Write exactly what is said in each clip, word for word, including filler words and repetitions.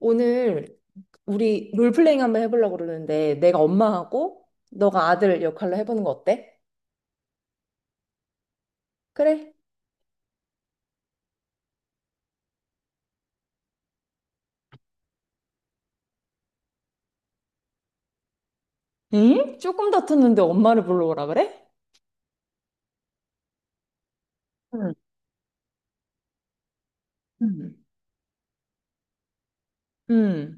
오늘 우리 롤플레잉 한번 해보려고 그러는데 내가 엄마하고 너가 아들 역할로 해보는 거 어때? 그래. 응? 조금 다퉜는데 엄마를 불러오라 그래? 응, 응, 응.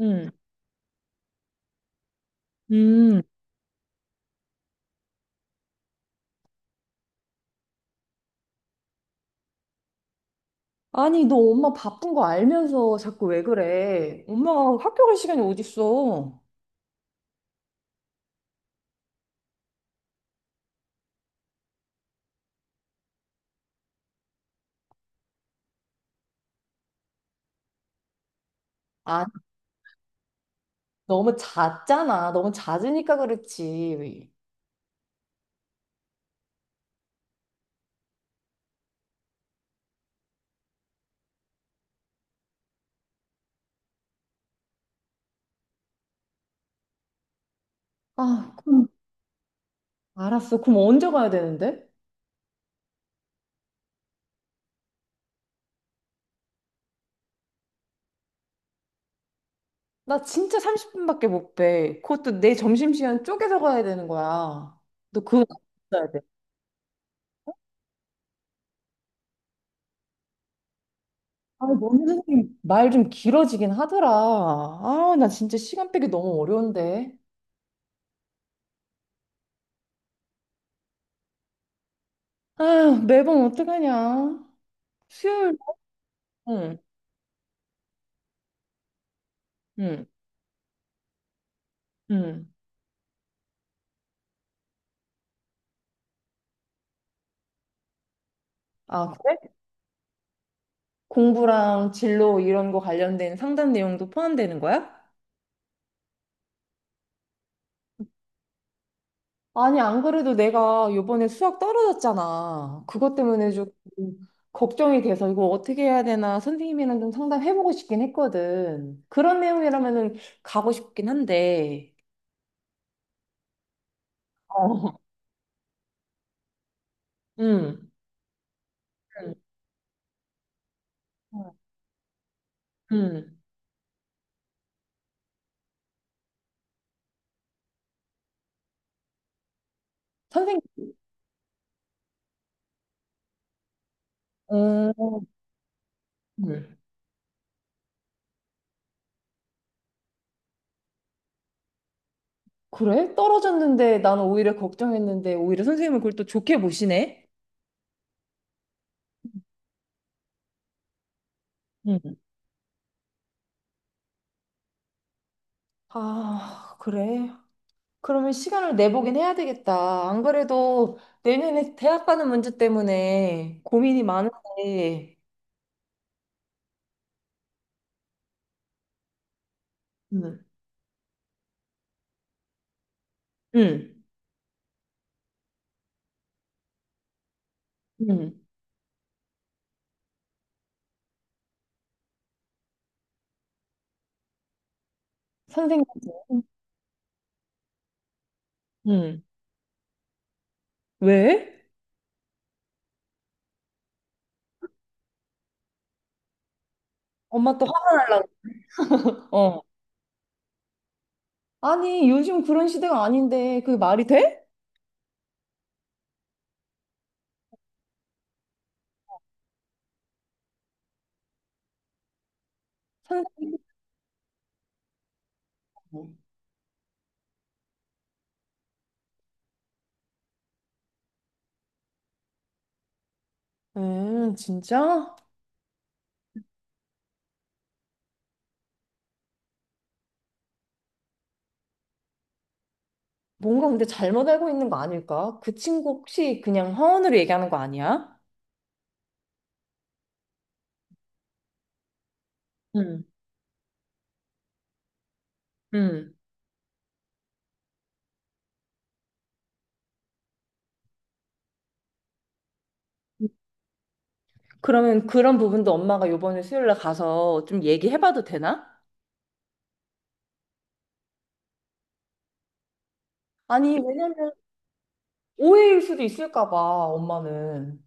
응, 응. 아니 너 엄마 바쁜 거 알면서 자꾸 왜 그래? 엄마가 학교 갈 시간이 어딨어? 아 너무 잦잖아. 너무 잦으니까 그렇지. 아 그럼 알았어. 그럼 언제 가야 되는데? 나 진짜 삼십 분밖에 못 빼. 그것도 내 점심시간 쪼개서 가야 되는 거야. 너 그거 알아야 돼. 아, 너무 선생님 말 좀 길어지긴 하더라. 아, 나 진짜 시간 빼기 너무 어려운데. 아, 매번 어떡하냐. 수요일, 응, 응, 응. 아, 그래? 공부랑 진로 이런 거 관련된 상담 내용도 포함되는 거야? 아니, 안 그래도 내가 요번에 수학 떨어졌잖아. 그것 때문에 좀 걱정이 돼서 이거 어떻게 해야 되나 선생님이랑 좀 상담해보고 싶긴 했거든. 그런 내용이라면은 가고 싶긴 한데. 어. 응, 음. 응. 응. 선생님, 음. 그래? 떨어졌는데 나는 오히려 걱정했는데 오히려 선생님은 그걸 또 좋게 보시네? 응, 아, 그래? 그러면 시간을 내보긴 해야 되겠다. 안 그래도 내년에 대학 가는 문제 때문에 고민이 많은데. 응. 응. 응. 선생님. 응. 왜? 엄마 또 화, 어. 아니, 요즘 그런 시대가 아닌데 그게 말이 돼? 선생님. 음, 진짜? 뭔가 근데 잘못 알고 있는 거 아닐까? 그 친구 혹시 그냥 허언으로 얘기하는 거 아니야? 응. 응. 그러면 그런 부분도 엄마가 요번에 수요일 날 가서 좀 얘기해봐도 되나? 아니, 왜냐면 오해일 수도 있을까 봐, 엄마는.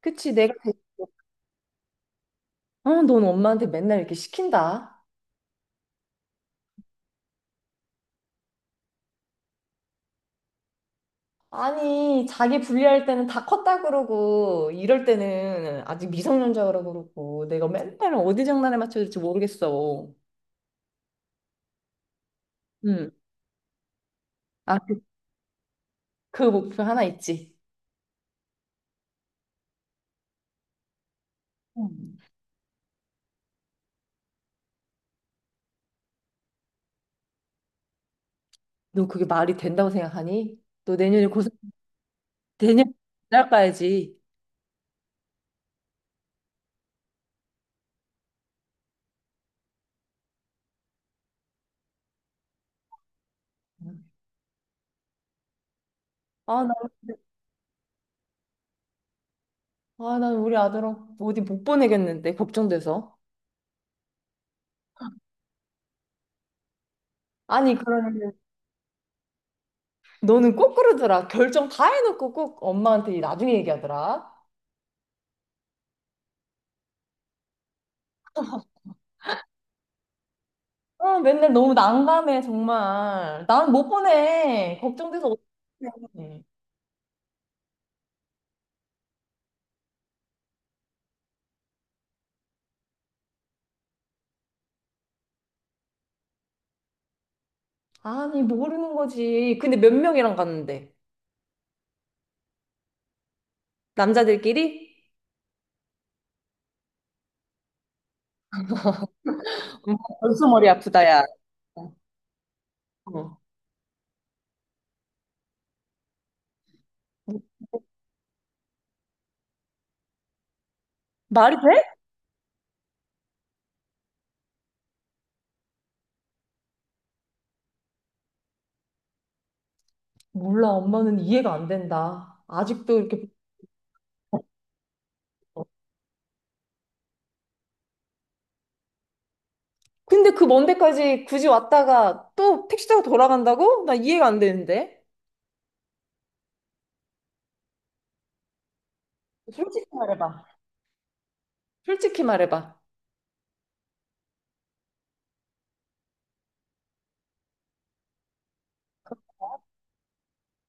그치, 내가, 대- 어, 넌 엄마한테 맨날 이렇게 시킨다. 아니, 자기 불리할 때는 다 컸다 그러고, 이럴 때는 아직 미성년자 그러고 그러고, 내가 맨날 어디 장난에 맞춰야 될지 모르겠어. 응. 아, 그, 그 목표 하나 있지. 응. 너 그게 말이 된다고 생각하니? 너 내년에 고생, 내년, 날 가야지. 응. 아, 나, 아, 난 우리 아들 어디 못 보내겠는데, 걱정돼서. 아니, 그러면 너는 꼭 그러더라. 결정 다 해놓고 꼭 엄마한테 나중에 얘기하더라. 어, 맨날 너무 난감해, 정말. 난 못 보내. 걱정돼서 어떡해. 아니, 모르는 거지. 근데 몇 명이랑 갔는데? 남자들끼리? 엄마 벌써 머리 아프다, 야. 어. 말이 돼? 몰라, 엄마는 이해가 안 된다. 아직도 이렇게. 근데 그 먼 데까지 굳이 왔다가 또 택시 타고 돌아간다고? 나 이해가 안 되는데. 솔직히 말해봐. 솔직히 말해봐.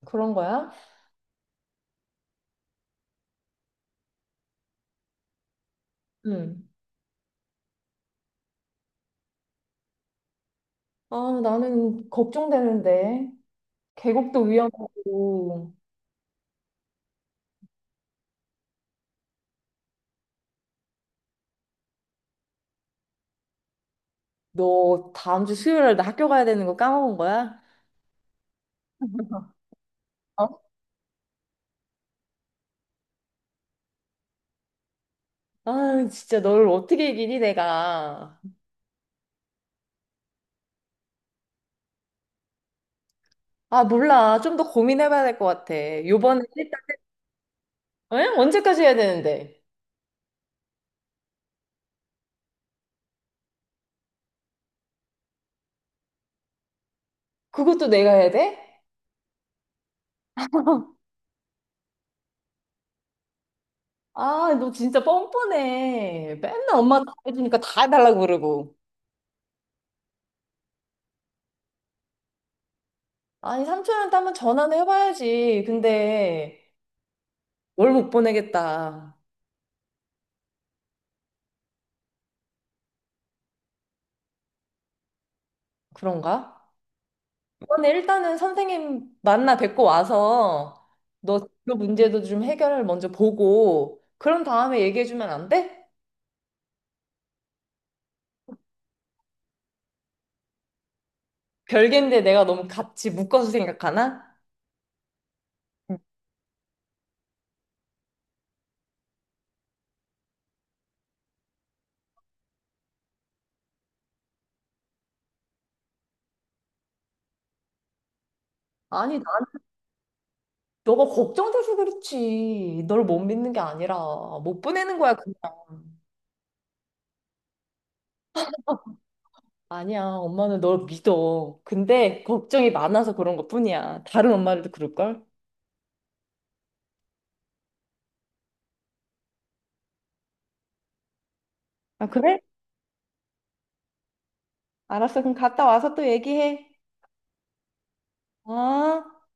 그런 거야? 응. 아, 나는 걱정되는데. 계곡도 위험하고, 너 다음 주 수요일에 나 학교 가야 되는 거 까먹은 거야? 어? 아, 진짜 너를 어떻게 이기니, 내가. 아, 몰라. 좀 더 고민해봐야 될 것 같아. 요번에 일단, 응? 언제까지 해야 되는데? 그것도 내가 해야 돼? 아, 너 진짜 뻔뻔해. 맨날 엄마가 다 해주니까 다 해달라고 그러고. 아니, 삼촌한테 한번 전화는 해봐야지. 근데, 뭘 못 보내겠다. 그런가? 이번 일단은 선생님 만나 뵙고 와서 너 그 문제도 좀 해결을 먼저 보고 그런 다음에 얘기해주면 안 돼? 별개인데 내가 너무 같이 묶어서 생각하나? 아니, 나, 너가 걱정돼서 그렇지. 널 못 믿는 게 아니라 못 보내는 거야, 그냥. 아니야, 엄마는 널 믿어. 근데 걱정이 많아서 그런 것뿐이야. 다른 엄마들도 그럴걸? 아, 그래? 알았어. 그럼 갔다 와서 또 얘기해. 어?